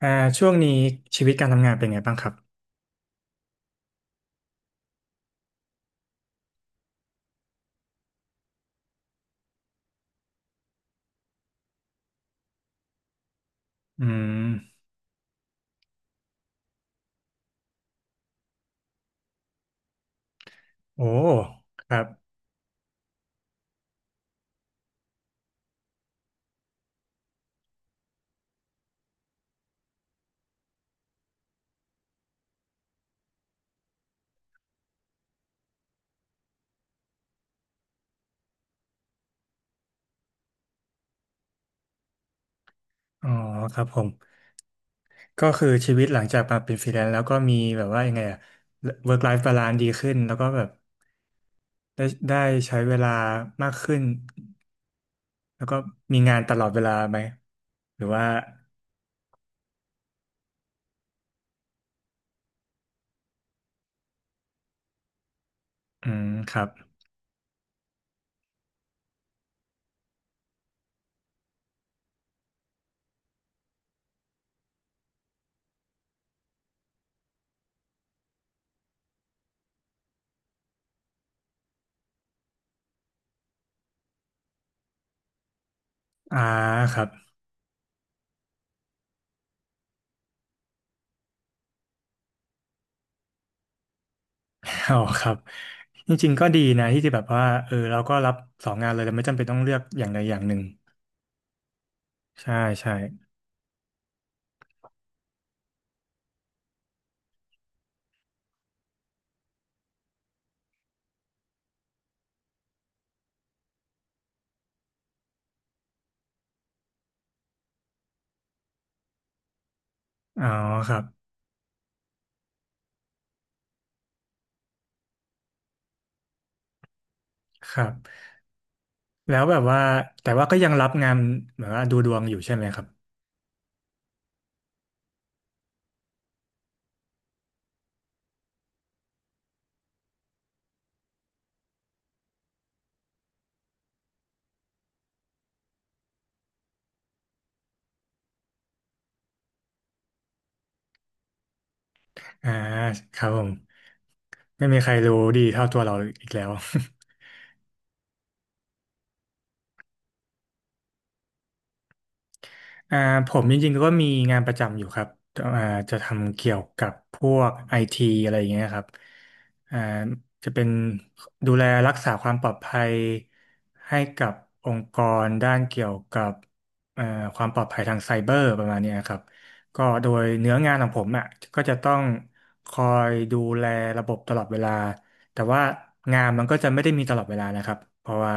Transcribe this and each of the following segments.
อ่าช่วงนี้ชีวิตการทำงานเป็นไงบ้างครับอืมโอ้ครับอ๋อครับผมก็คือชีวิตหลังจากมาเป็นฟรีแลนซ์แล้วก็มีแบบว่ายังไงอะ work life balance ดีขึ้นแล้วก็แบบได้ใช้เวลามากขึ้นแล้วก็มีงานตลอดเวลาไหมหรือว่าอืมครับอ่าครับ อ๋อครับจริงๆก็ดีนะที่จะแบบว่าเออเราก็รับสองงานเลยแต่ไม่จำเป็นต้องเลือกอย่างใดอย่างหนึ่งใช่ใช่อ๋อครับ ครับแล้วแบบว่าแต่ว่าก็ยังรับงานแบบว่าดูดวงอยู่ใช่ไหมครับอ่าครับผมไม่มีใครรู้ดีเท่าตัวเราอีกแล้ว อ่าผมจริงๆก็มีงานประจำอยู่ครับอ่าจะทำเกี่ยวกับพวกไอทีอะไรอย่างเงี้ยครับอ่าจะเป็นดูแลรักษาความปลอดภัยให้กับองค์กรด้านเกี่ยวกับเอ่อความปลอดภัยทางไซเบอร์ประมาณเนี้ยครับก็โดยเนื้องานของผมอ่ะก็จะต้องคอยดูแลระบบตลอดเวลาแต่ว่างานมันก็จะไม่ได้มีตลอดเวลานะครับเพราะว่า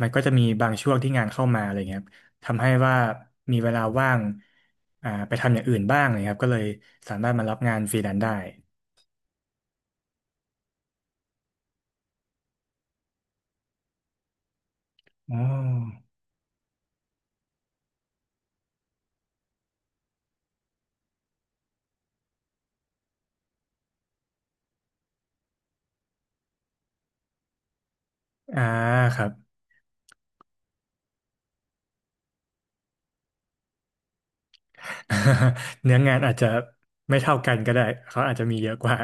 มันก็จะมีบางช่วงที่งานเข้ามาอะไรเงี้ย ทำให้ว่ามีเวลาว่างไปทำอย่างอื่นบ้างนะครับก็เลยสามารถมารับงานฟรีแลนซ์ได้อ๋ออ่าครับ เนื้องานอาจจะไม่เท่ากันก็ได้เขาอาจจะมีเยอะกว่า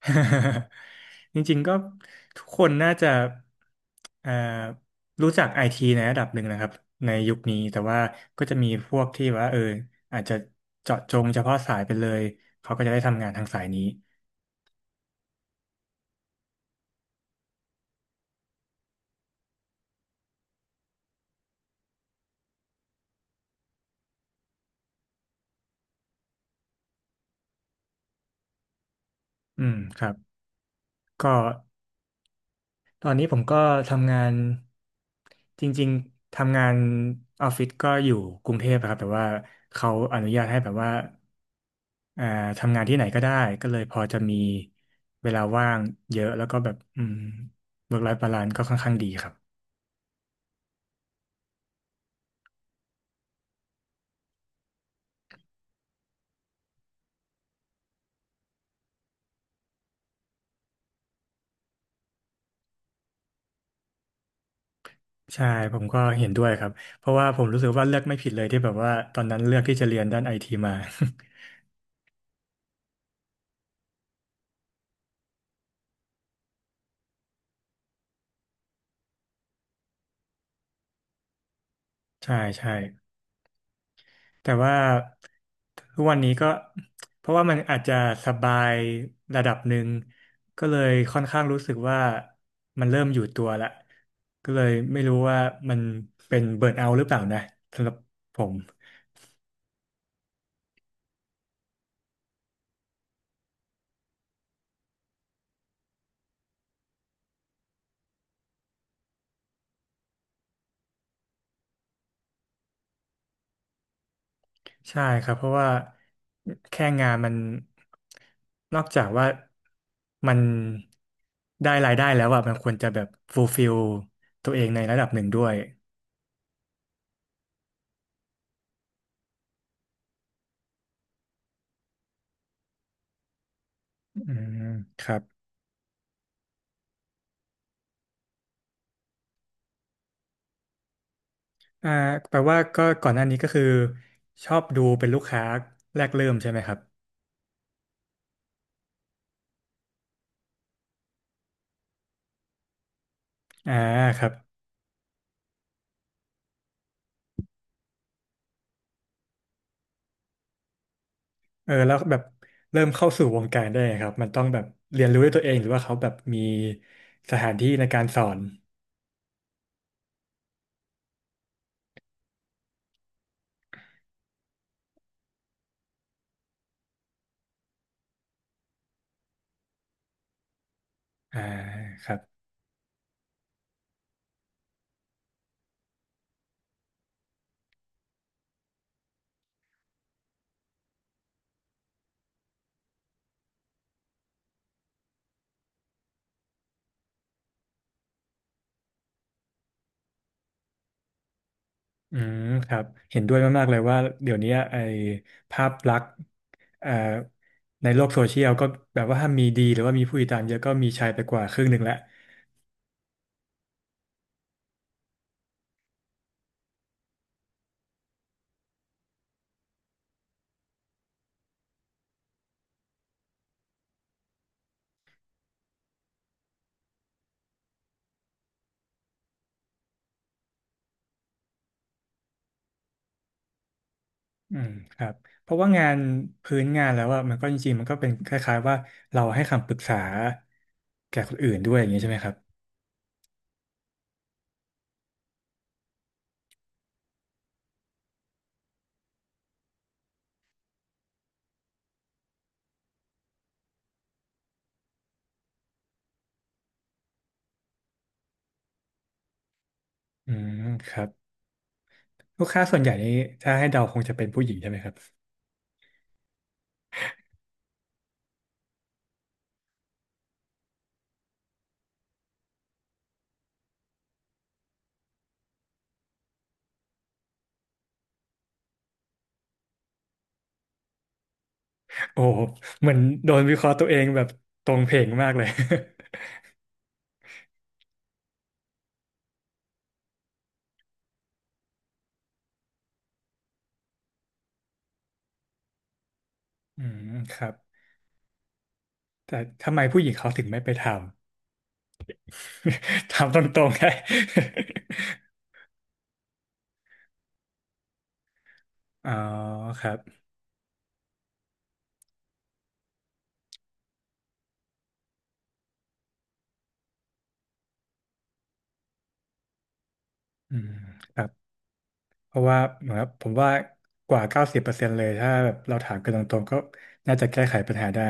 จริงๆก็ทุกคนน่าจะเอ่อรู้จักไอทีในระดับหนึ่งนะครับในยุคนี้แต่ว่าก็จะมีพวกที่ว่าอาจจะเจาะจงเฉพาะสายไปเลยเขาก็จะได้ทำงานทางสายนี้อืมครับก็ ตอนนี้ผมก็ทำงานจริงๆทำงานออฟฟิศก็อยู่กรุงเทพอะครับแต่ว่าเขาอนุญาตให้แบบว่าอ่าทำงานที่ไหนก็ได้ก็เลยพอจะมีเวลาว่างเยอะแล้วก็แบบwork life balance ก็ค่อนข้างดีครับใช่ผมก็เห็นด้วยครับเพราะว่าผมรู้สึกว่าเลือกไม่ผิดเลยที่แบบว่าตอนนั้นเลือกที่จะเรียนด้านไอทีมา ใช่ใช่ แต่ว่าทุกวันนี้ก็เพราะว่ามันอาจจะสบายระดับหนึ่งก็เลยค่อนข้างรู้สึกว่ามันเริ่มอยู่ตัวละก็เลยไม่รู้ว่ามันเป็นเบิร์นเอาท์หรือเปล่านะสำหรับผมใช่ครับเพราะว่าแค่งานมันนอกจากว่ามันได้รายได้แล้วอะมันควรจะแบบฟูลฟิลตัวเองในระดับหนึ่งด้วยอืมครับ อ่าแปลว่าก็ก่อนหน้านี้ก็คือชอบดูเป็นลูกค้าแรกเริ่มใช่ไหมครับอ่าครับแล้วแบบเริ่มเข้าสู่วงการได้ไงครับมันต้องแบบเรียนรู้ด้วยตัวเองหรือว่าเขาแบบมีสถานที่ในการสอนอ่าครับอืมครับเห็นด้วยมากๆเลยว่าเดี๋ยวนี้ไอ้ภาพลักษณ์เอ่อในโลกโซเชียลก็แบบว่าถ้ามีดีหรือว่ามีผู้ติดตามเยอะก็มีชายไปกว่าครึ่งหนึ่งแล้ว อืมครับเพราะว่างานพื้นงานแล้วอะมันก็จริงๆมันก็เป็นคล้ายๆว่าเราให้คำปรึกษาแก่คนอื่นด้วยอย่างนี้ใช่ไหมครับอืมครับลูกค้าส่วนใหญ่นี่ถ้าให้เดาคงจะเป็นผู้หญิงใช่ไหมครับโอ้โหเหมือนโดนวิเคราะห์ตัวเองแบบตรงเพลงมากเลย อืมครับแต่ทำไมผู้หญิงเขาถึงไม่ไปทำ ทำตรงๆไง อ๋อครับอืมครับ เพราะว่าเหมือนกับผมว่ากว่า90%เลยถ้าแบบเราถามกันตรงๆก็น่าจะแก้ไขปัญหาได้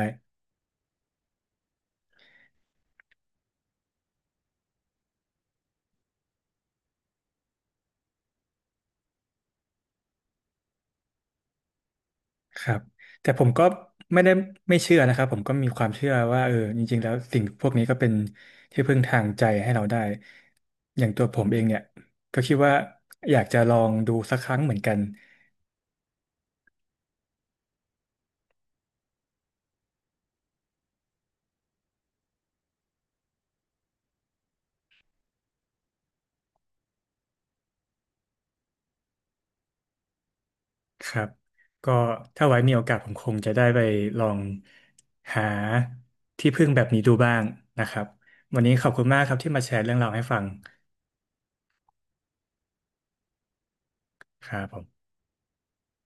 ครับแต่ผมก็ไม่ได้ไม่เชื่อนะครับผมก็มีความเชื่อว่าเออจริงๆแล้วสิ่งพวกนี้ก็เป็นที่พึ่งทางใจให้เราได้อย่างตัวผมเองเนี่ยก็คิดว่าอยากจะลองดูสักครั้งเหมือนกันครับก็ถ้าไว้มีโอกาสผมคงจะได้ไปลองหาที่พึ่งแบบนี้ดูบ้างนะครับวันนี้ขอบคุณมากครับที่มาแชร์เรื่องราวให้ฟังครับผม